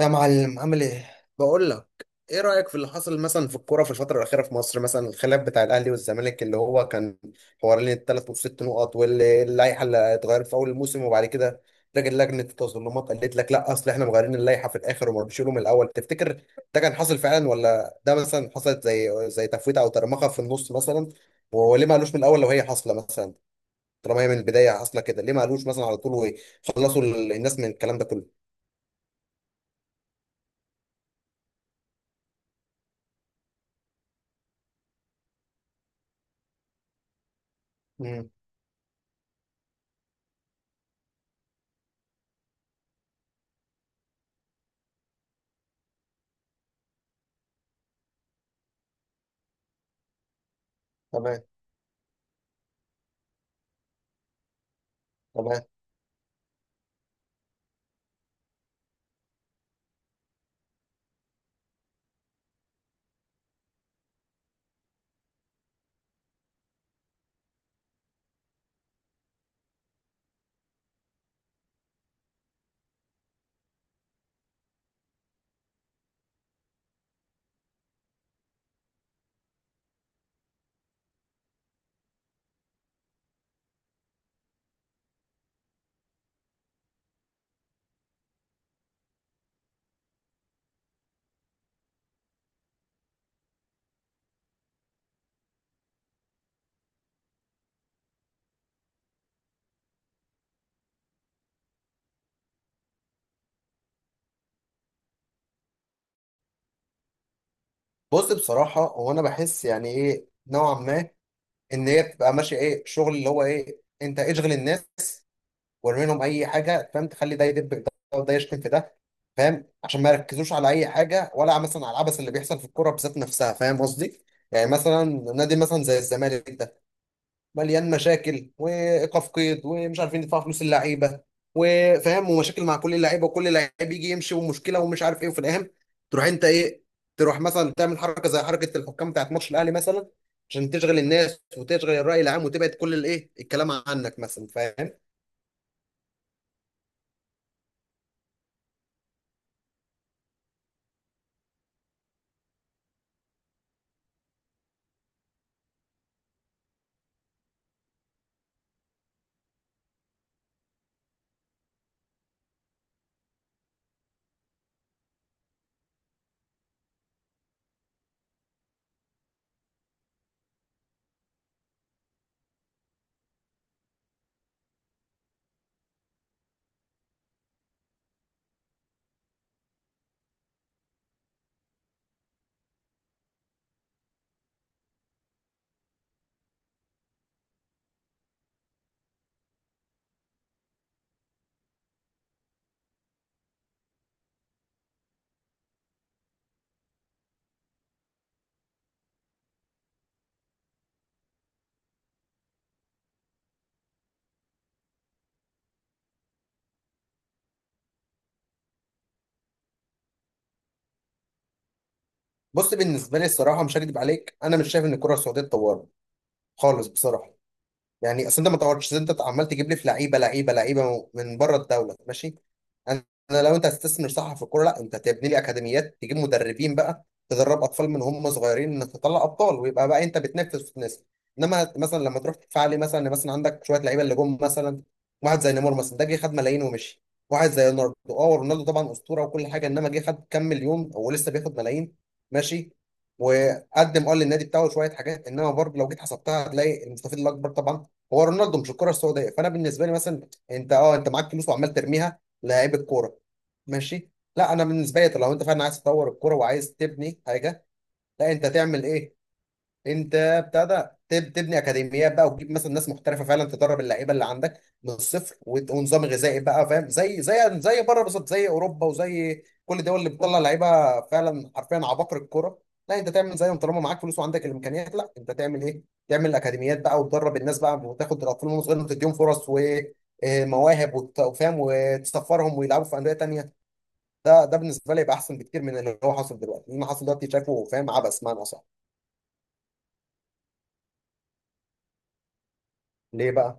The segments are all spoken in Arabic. يا معلم عامل ايه؟ بقول لك ايه رأيك في اللي حصل مثلا في الكوره في الفترة الأخيرة في مصر، مثلا الخلاف بتاع الأهلي والزمالك اللي هو كان حوالين الثلاث والست نقط واللائحة اللي اتغيرت في أول الموسم. وبعد كده راجل لجنة التظلمات قالت لك لا أصل احنا مغيرين اللائحة في الآخر وما بنشيله من الأول. تفتكر ده كان حاصل فعلا، ولا ده مثلا حصلت زي تفويتة أو ترمخة في النص مثلا؟ هو ليه ما قالوش من الأول لو هي حاصلة مثلا؟ طالما هي من البداية حاصلة كده، ليه ما قالوش مثلا على طول وخلصوا الناس من الكلام ده كله؟ امم. تمام. تمام. بص، بصراحة هو أنا بحس يعني إيه نوعا ما إن هي بتبقى ماشية إيه، شغل اللي هو إيه، أنت اشغل الناس وارمي لهم أي حاجة، فاهم؟ تخلي ده يدب في ده وده يشتم في ده، فاهم؟ عشان ما يركزوش على أي حاجة، ولا مثلا على العبث اللي بيحصل في الكورة بذات نفسها. فاهم قصدي؟ يعني مثلا نادي مثلا زي الزمالك ده مليان مشاكل وايقاف قيد ومش عارفين يدفعوا فلوس اللعيبه، وفاهم ومشاكل مع كل اللعيبه وكل لعيب يجي يمشي ومشكله ومش عارف ايه. وفي الاهم تروح انت ايه، تروح مثلا تعمل حركه زي حركه الحكام بتاعت ماتش الاهلي مثلا، عشان تشغل الناس وتشغل الراي العام وتبعد كل الايه الكلام عنك مثلا، فاهم؟ بص، بالنسبه لي الصراحه مش هكدب عليك، انا مش شايف ان الكره السعوديه اتطورت خالص، بصراحه. يعني اصل انت ما طورتش، انت عمال تجيب لي في لعيبه لعيبه لعيبه من بره الدوله. ماشي. انا أنا لو انت هتستثمر صح في الكوره، لا انت تبني لي اكاديميات، تجيب مدربين بقى تدرب اطفال من هم صغيرين، انك تطلع ابطال ويبقى بقى انت بتنافس في الناس. انما مثلا لما تروح تدفع لي مثلا عندك شويه لعيبه اللي جم مثلا، واحد زي نيمار مثلا، ده جه خد ملايين ومشي. واحد زي رونالدو، اه رونالدو طبعا اسطوره وكل حاجه، انما جه خد كام مليون ولسه بياخد ملايين. ماشي. وقدم للنادي بتاعه شويه حاجات، انما برضه لو جيت حسبتها هتلاقي المستفيد الاكبر طبعا هو رونالدو مش الكره السعوديه. فانا بالنسبه لي مثلا انت، انت معاك فلوس وعمال ترميها لعيب الكوره. ماشي. لا انا بالنسبه لي لو انت فعلا عايز تطور الكوره وعايز تبني حاجه، لا انت تعمل ايه؟ انت ابتدى تبني اكاديميات بقى، وتجيب مثلا ناس محترفه فعلا تدرب اللعيبه اللي عندك من الصفر، ونظام غذائي بقى، فاهم؟ زي بره بالظبط، زي اوروبا وزي كل الدول اللي بتطلع لعيبه فعلا حرفيا عباقرة الكوره. لا انت تعمل زيهم. طالما معاك فلوس وعندك الامكانيات، لا انت تعمل ايه؟ تعمل اكاديميات بقى وتدرب الناس بقى، وتاخد الاطفال وهم صغيرين وتديهم فرص ومواهب وفاهم، وتسفرهم ويلعبوا في انديه تانيه. ده بالنسبه لي يبقى احسن بكتير من اللي هو حاصل دلوقتي. اللي حاصل دلوقتي شايفه، فاهم؟ عبث معنى صح. ليه بقى؟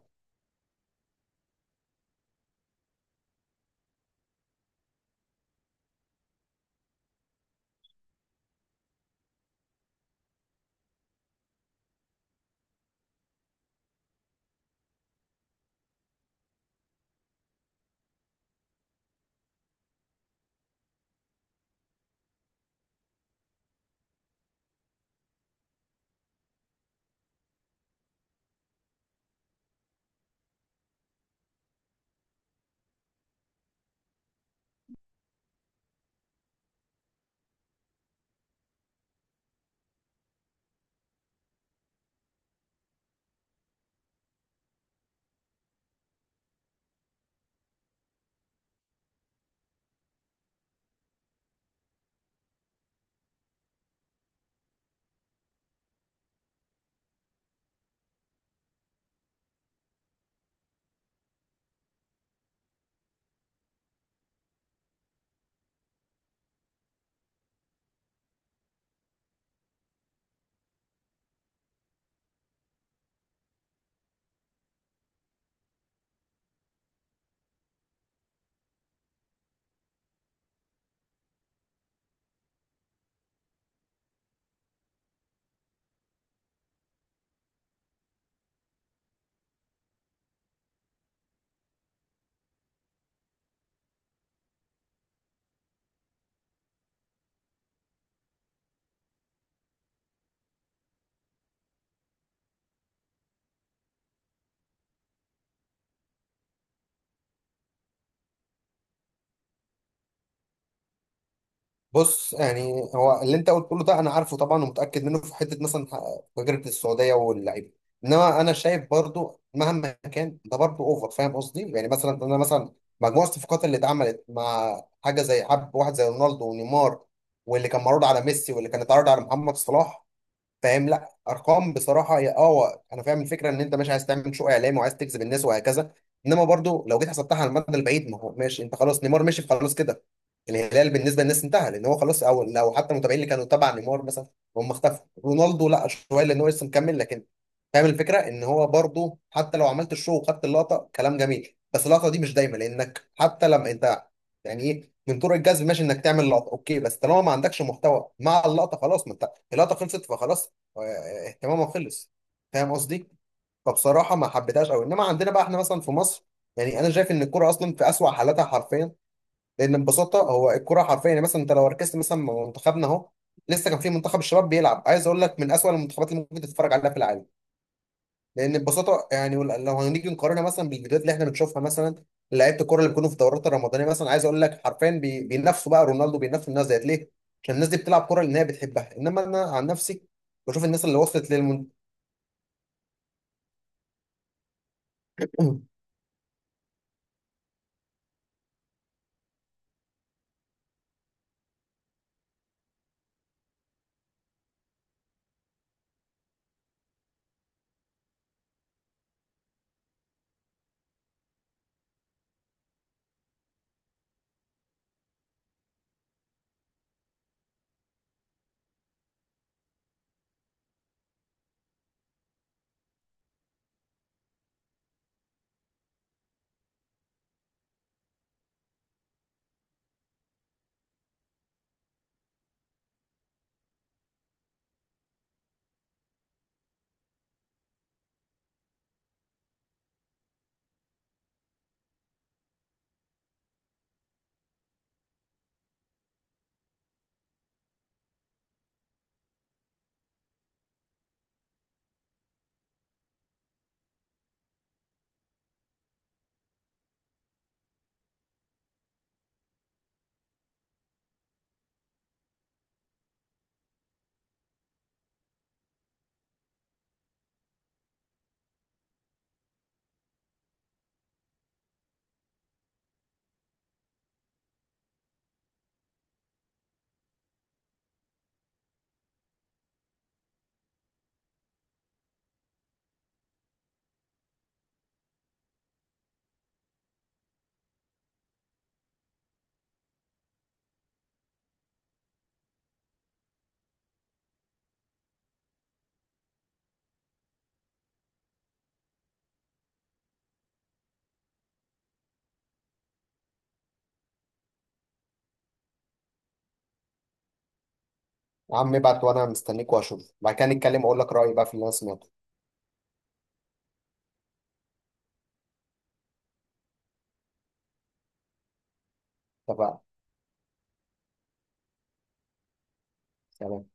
بص يعني هو اللي انت قلت كله ده انا عارفه طبعا ومتاكد منه، في حته مثلا تجربه السعوديه واللعيبه. انما انا شايف برضو مهما كان ده برضو اوفر، فاهم قصدي؟ يعني مثلا انا مثلا مجموع الصفقات اللي اتعملت مع حاجه زي حب واحد زي رونالدو ونيمار، واللي كان معروض على ميسي، واللي كان اتعرض على محمد صلاح، فاهم؟ لا ارقام بصراحه هي هو انا فاهم الفكره ان انت مش عايز تعمل شو اعلامي وعايز تجذب الناس وهكذا، انما برضو لو جيت حسبتها على المدى البعيد، ما هو ماشي انت خلاص نيمار مشي خلاص كده. الهلال بالنسبه للناس انتهى لان هو خلاص، او لو حتى المتابعين اللي كانوا تبع نيمار مثلا هم اختفوا. رونالدو لا شويه لان هو لسه مكمل، لكن فاهم الفكره ان هو برضو حتى لو عملت الشو وخدت اللقطه كلام جميل، بس اللقطه دي مش دايما، لانك حتى لما انت يعني ايه من طرق الجذب ماشي انك تعمل لقطه، اوكي بس طالما ما عندكش محتوى مع اللقطه خلاص، ما انت اللقطه خلصت فخلاص، اهتمامه خلص، فاهم قصدي؟ فبصراحه ما حبيتهاش قوي. انما عندنا بقى احنا مثلا في مصر، يعني انا شايف ان الكوره اصلا في اسوأ حالاتها حرفيا، لان ببساطه هو الكوره حرفيا. يعني مثلا انت لو ركزت مثلا مع منتخبنا، اهو لسه كان في منتخب الشباب بيلعب، عايز اقول لك من اسوأ المنتخبات اللي ممكن تتفرج عليها في العالم، لان ببساطه يعني لو هنيجي نقارنها مثلا بالفيديوهات اللي احنا بنشوفها مثلا، لعيبه الكوره اللي بيكونوا في الدورات الرمضانيه مثلا، عايز اقول لك حرفيا بينافسوا بقى رونالدو، بينافسوا الناس ديت. ليه؟ عشان الناس دي بتلعب كوره لان هي بتحبها. انما انا عن نفسي بشوف الناس اللي وصلت للمنتخب. يا عم ابعت وانا مستنيك، واشوف بعد كده نتكلم واقول لك رايي بقى في اللي انا سمعته. اتفقنا. سلام.